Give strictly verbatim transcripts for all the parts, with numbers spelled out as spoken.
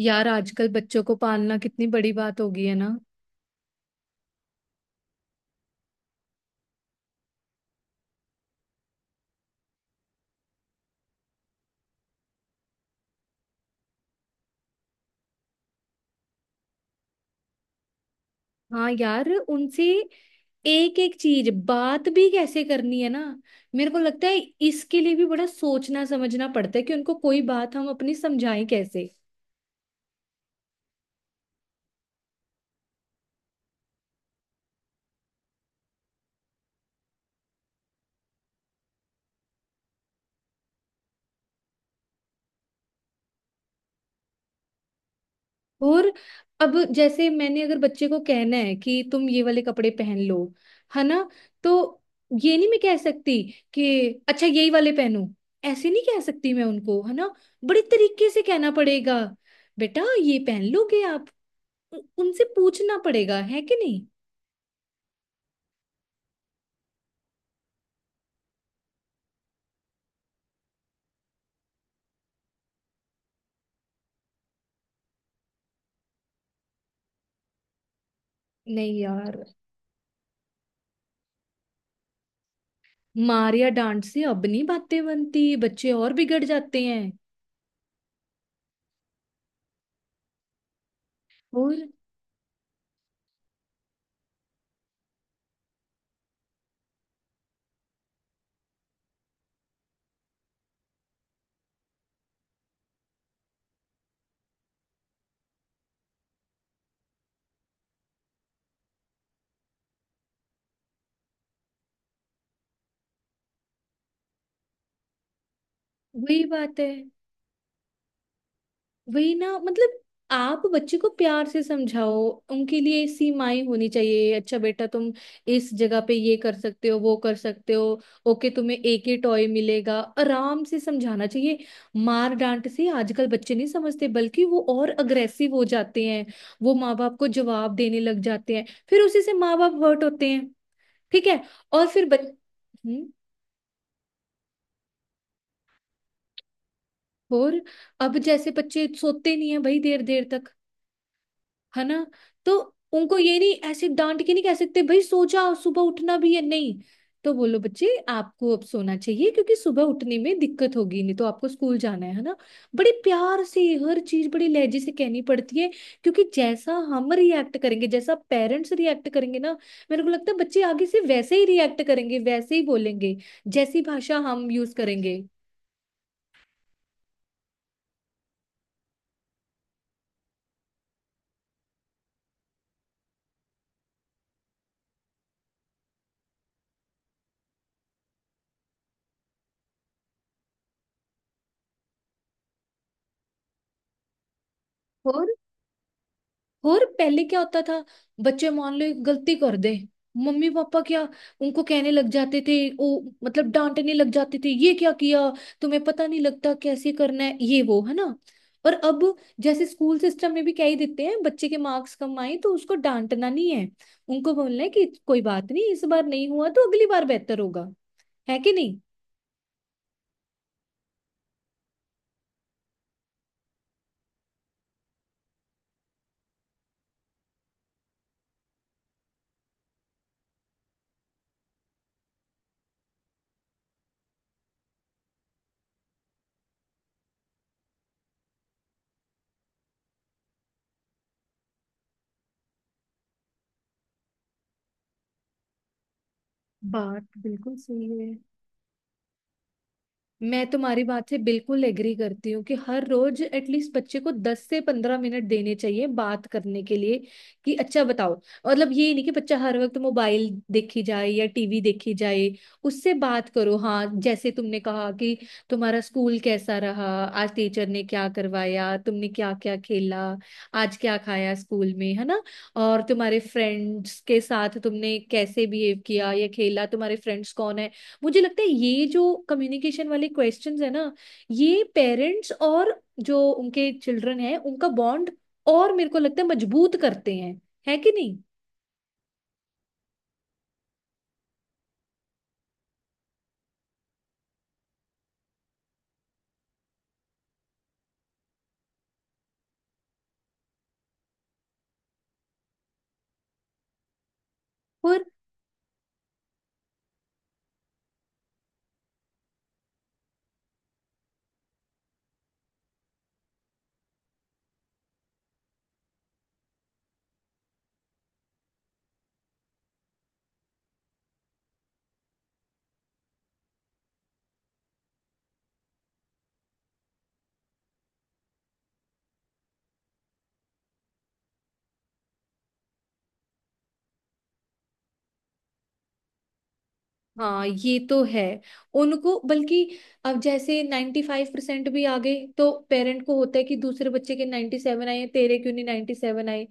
यार आजकल बच्चों को पालना कितनी बड़ी बात हो गई है ना। हाँ यार उनसे एक एक चीज बात भी कैसे करनी है ना। मेरे को लगता है इसके लिए भी बड़ा सोचना समझना पड़ता है कि उनको कोई बात हम अपनी समझाएं कैसे। और अब जैसे मैंने अगर बच्चे को कहना है कि तुम ये वाले कपड़े पहन लो, है ना। तो ये नहीं मैं कह सकती कि अच्छा यही वाले पहनो। ऐसे नहीं कह सकती मैं उनको, है ना। बड़े तरीके से कहना पड़ेगा, बेटा ये पहन लोगे आप। उ- उनसे पूछना पड़ेगा, है कि नहीं। नहीं यार, मार या डांट से अब नहीं बातें बनती, बच्चे और बिगड़ जाते हैं। और वही बात है। वही ना, मतलब आप बच्चे को प्यार से समझाओ। उनके लिए सीमाएं होनी चाहिए, अच्छा बेटा तुम इस जगह पे ये कर सकते हो वो कर सकते हो। ओके तुम्हें एक ही टॉय मिलेगा, आराम से समझाना चाहिए। मार डांट से आजकल बच्चे नहीं समझते, बल्कि वो और अग्रेसिव हो जाते हैं। वो माँ बाप को जवाब देने लग जाते हैं, फिर उसी से माँ बाप हर्ट होते हैं। ठीक है। और फिर बच... हम्म। और अब जैसे बच्चे सोते नहीं है भाई देर देर तक, है ना। तो उनको ये नहीं ऐसे डांट के नहीं कह सकते भाई सो जाओ, सुबह उठना भी है। नहीं तो बोलो बच्चे आपको अब सोना चाहिए, क्योंकि सुबह उठने में दिक्कत होगी, नहीं तो आपको स्कूल जाना है है ना। बड़े प्यार से हर चीज बड़े लहजे से कहनी पड़ती है। क्योंकि जैसा हम रिएक्ट करेंगे, जैसा पेरेंट्स रिएक्ट करेंगे ना, मेरे को लगता है बच्चे आगे से वैसे ही रिएक्ट करेंगे, वैसे ही बोलेंगे, जैसी भाषा हम यूज करेंगे। और और पहले क्या होता था, बच्चे मान लो एक गलती कर दे, मम्मी पापा क्या उनको कहने लग जाते थे, ओ मतलब डांटने लग जाते थे, ये क्या किया, तुम्हें पता नहीं लगता कैसे करना है ये वो, है ना। और अब जैसे स्कूल सिस्टम में भी कह ही देते हैं, बच्चे के मार्क्स कम आए तो उसको डांटना नहीं है। उनको बोलना है कि कोई बात नहीं, इस बार नहीं हुआ तो अगली बार बेहतर होगा, है कि नहीं। बात बिल्कुल सही है। मैं तुम्हारी बात से बिल्कुल एग्री करती हूँ कि हर रोज एटलीस्ट बच्चे को दस से पंद्रह मिनट देने चाहिए बात करने के लिए कि अच्छा बताओ। मतलब ये नहीं कि बच्चा हर वक्त मोबाइल देखी जाए या टीवी देखी जाए। उससे बात करो, हाँ जैसे तुमने कहा कि तुम्हारा स्कूल कैसा रहा, आज टीचर ने क्या करवाया, तुमने क्या क्या खेला, आज क्या खाया स्कूल में, है ना। और तुम्हारे फ्रेंड्स के साथ तुमने कैसे बिहेव किया या खेला, तुम्हारे फ्रेंड्स कौन है। मुझे लगता है ये जो कम्युनिकेशन वाले क्वेश्चंस है ना, ये पेरेंट्स और जो उनके चिल्ड्रन है उनका बॉन्ड, और मेरे को लगता है मजबूत करते हैं, है कि नहीं। और हाँ ये तो है। उनको बल्कि अब जैसे नाइन्टी फाइव परसेंट भी आ गए तो पेरेंट को होता है कि दूसरे बच्चे के नाइन्टी सेवन आए हैं, तेरे क्यों नहीं नाइन्टी सेवन आए।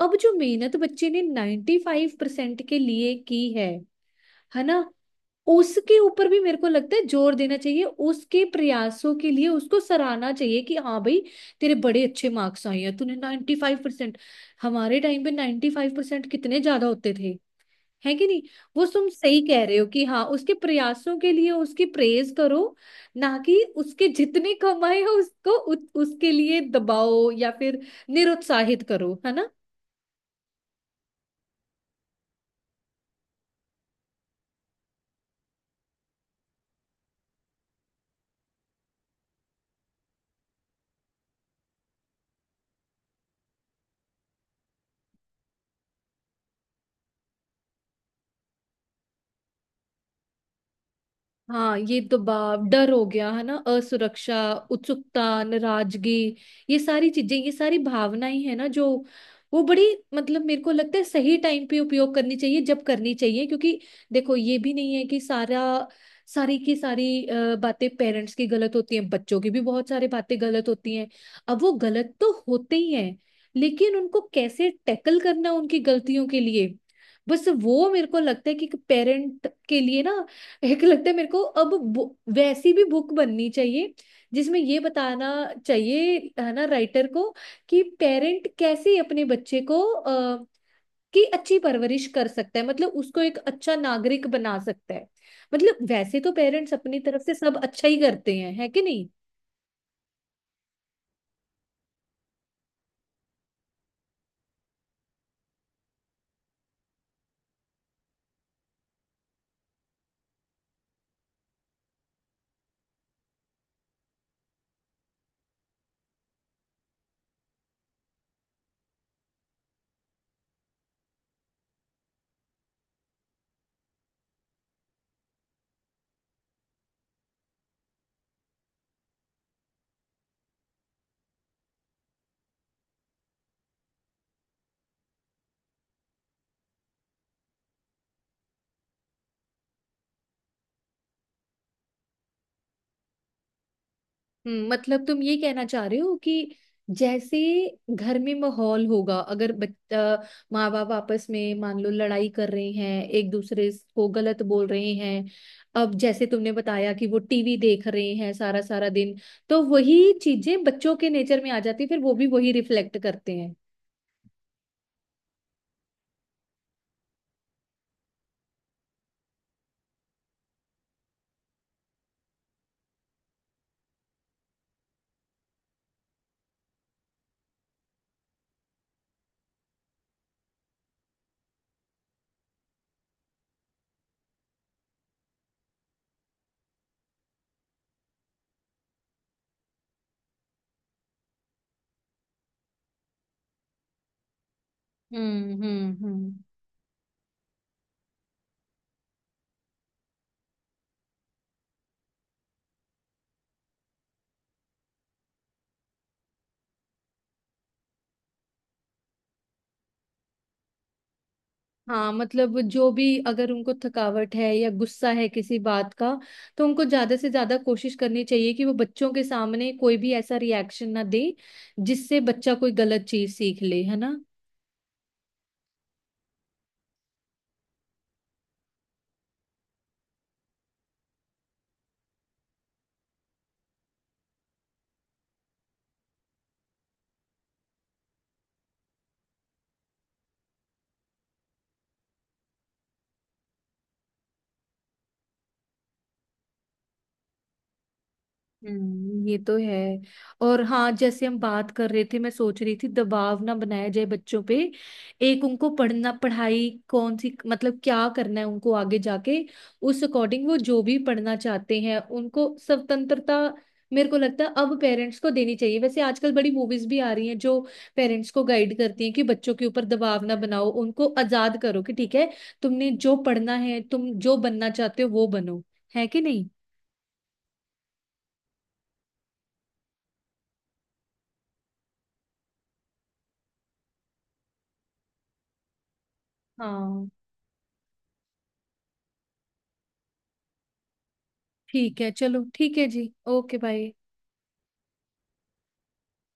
अब जो मेहनत बच्चे ने नाइन्टी फाइव परसेंट के लिए की है है ना, उसके ऊपर भी मेरे को लगता है जोर देना चाहिए, उसके प्रयासों के लिए उसको सराहना चाहिए कि हाँ भाई तेरे बड़े अच्छे मार्क्स आए हैं, तूने नाइन्टी फाइव परसेंट। हमारे टाइम पे नाइन्टी फाइव परसेंट कितने ज्यादा होते थे, है कि नहीं। वो तुम सही कह रहे हो कि हाँ उसके प्रयासों के लिए उसकी प्रेज करो, ना कि उसके जितने कम आए हैं उसको उत- उसके लिए दबाओ या फिर निरुत्साहित करो, है ना। हाँ ये दबाव डर हो गया है ना, असुरक्षा, उत्सुकता, नाराजगी, ये सारी चीजें, ये सारी भावनाएं है ना जो, वो बड़ी मतलब मेरे को लगता है सही टाइम पे उपयोग करनी चाहिए जब करनी चाहिए, क्योंकि देखो ये भी नहीं है कि सारा सारी की सारी अ, बातें पेरेंट्स की गलत होती हैं, बच्चों की भी बहुत सारी बातें गलत होती हैं। अब वो गलत तो होते ही हैं, लेकिन उनको कैसे टैकल करना उनकी गलतियों के लिए, बस वो मेरे को लगता है कि पेरेंट के लिए ना, एक लगता है मेरे को अब बु- वैसी भी बुक बननी चाहिए, जिसमें ये बताना चाहिए, है ना, राइटर को कि पेरेंट कैसे अपने बच्चे को अ, की अच्छी परवरिश कर सकता है, मतलब उसको एक अच्छा नागरिक बना सकता है। मतलब वैसे तो पेरेंट्स अपनी तरफ से सब अच्छा ही करते हैं, है कि नहीं। हम्म, मतलब तुम ये कहना चाह रहे हो कि जैसे घर में माहौल होगा, अगर बच्चा, माँ बाप आपस में मान लो लड़ाई कर रहे हैं एक दूसरे को गलत बोल रहे हैं, अब जैसे तुमने बताया कि वो टीवी देख रहे हैं सारा सारा दिन, तो वही चीजें बच्चों के नेचर में आ जाती है, फिर वो भी वही रिफ्लेक्ट करते हैं। हम्म हम्म हम्म। हाँ मतलब जो भी अगर उनको थकावट है या गुस्सा है किसी बात का, तो उनको ज्यादा से ज्यादा कोशिश करनी चाहिए कि वो बच्चों के सामने कोई भी ऐसा रिएक्शन ना दे जिससे बच्चा कोई गलत चीज सीख ले, है ना। हम्म ये तो है। और हाँ जैसे हम बात कर रहे थे, मैं सोच रही थी दबाव ना बनाया जाए बच्चों पे, एक उनको पढ़ना, पढ़ाई कौन सी मतलब क्या करना है उनको आगे जाके, उस अकॉर्डिंग वो जो भी पढ़ना चाहते हैं उनको स्वतंत्रता मेरे को लगता है अब पेरेंट्स को देनी चाहिए। वैसे आजकल बड़ी मूवीज भी आ रही हैं जो पेरेंट्स को गाइड करती हैं कि बच्चों के ऊपर दबाव ना बनाओ, उनको आजाद करो कि ठीक है, तुमने जो पढ़ना है, तुम जो बनना चाहते हो वो बनो, है कि नहीं। हाँ ठीक है, चलो ठीक है जी, ओके बाय।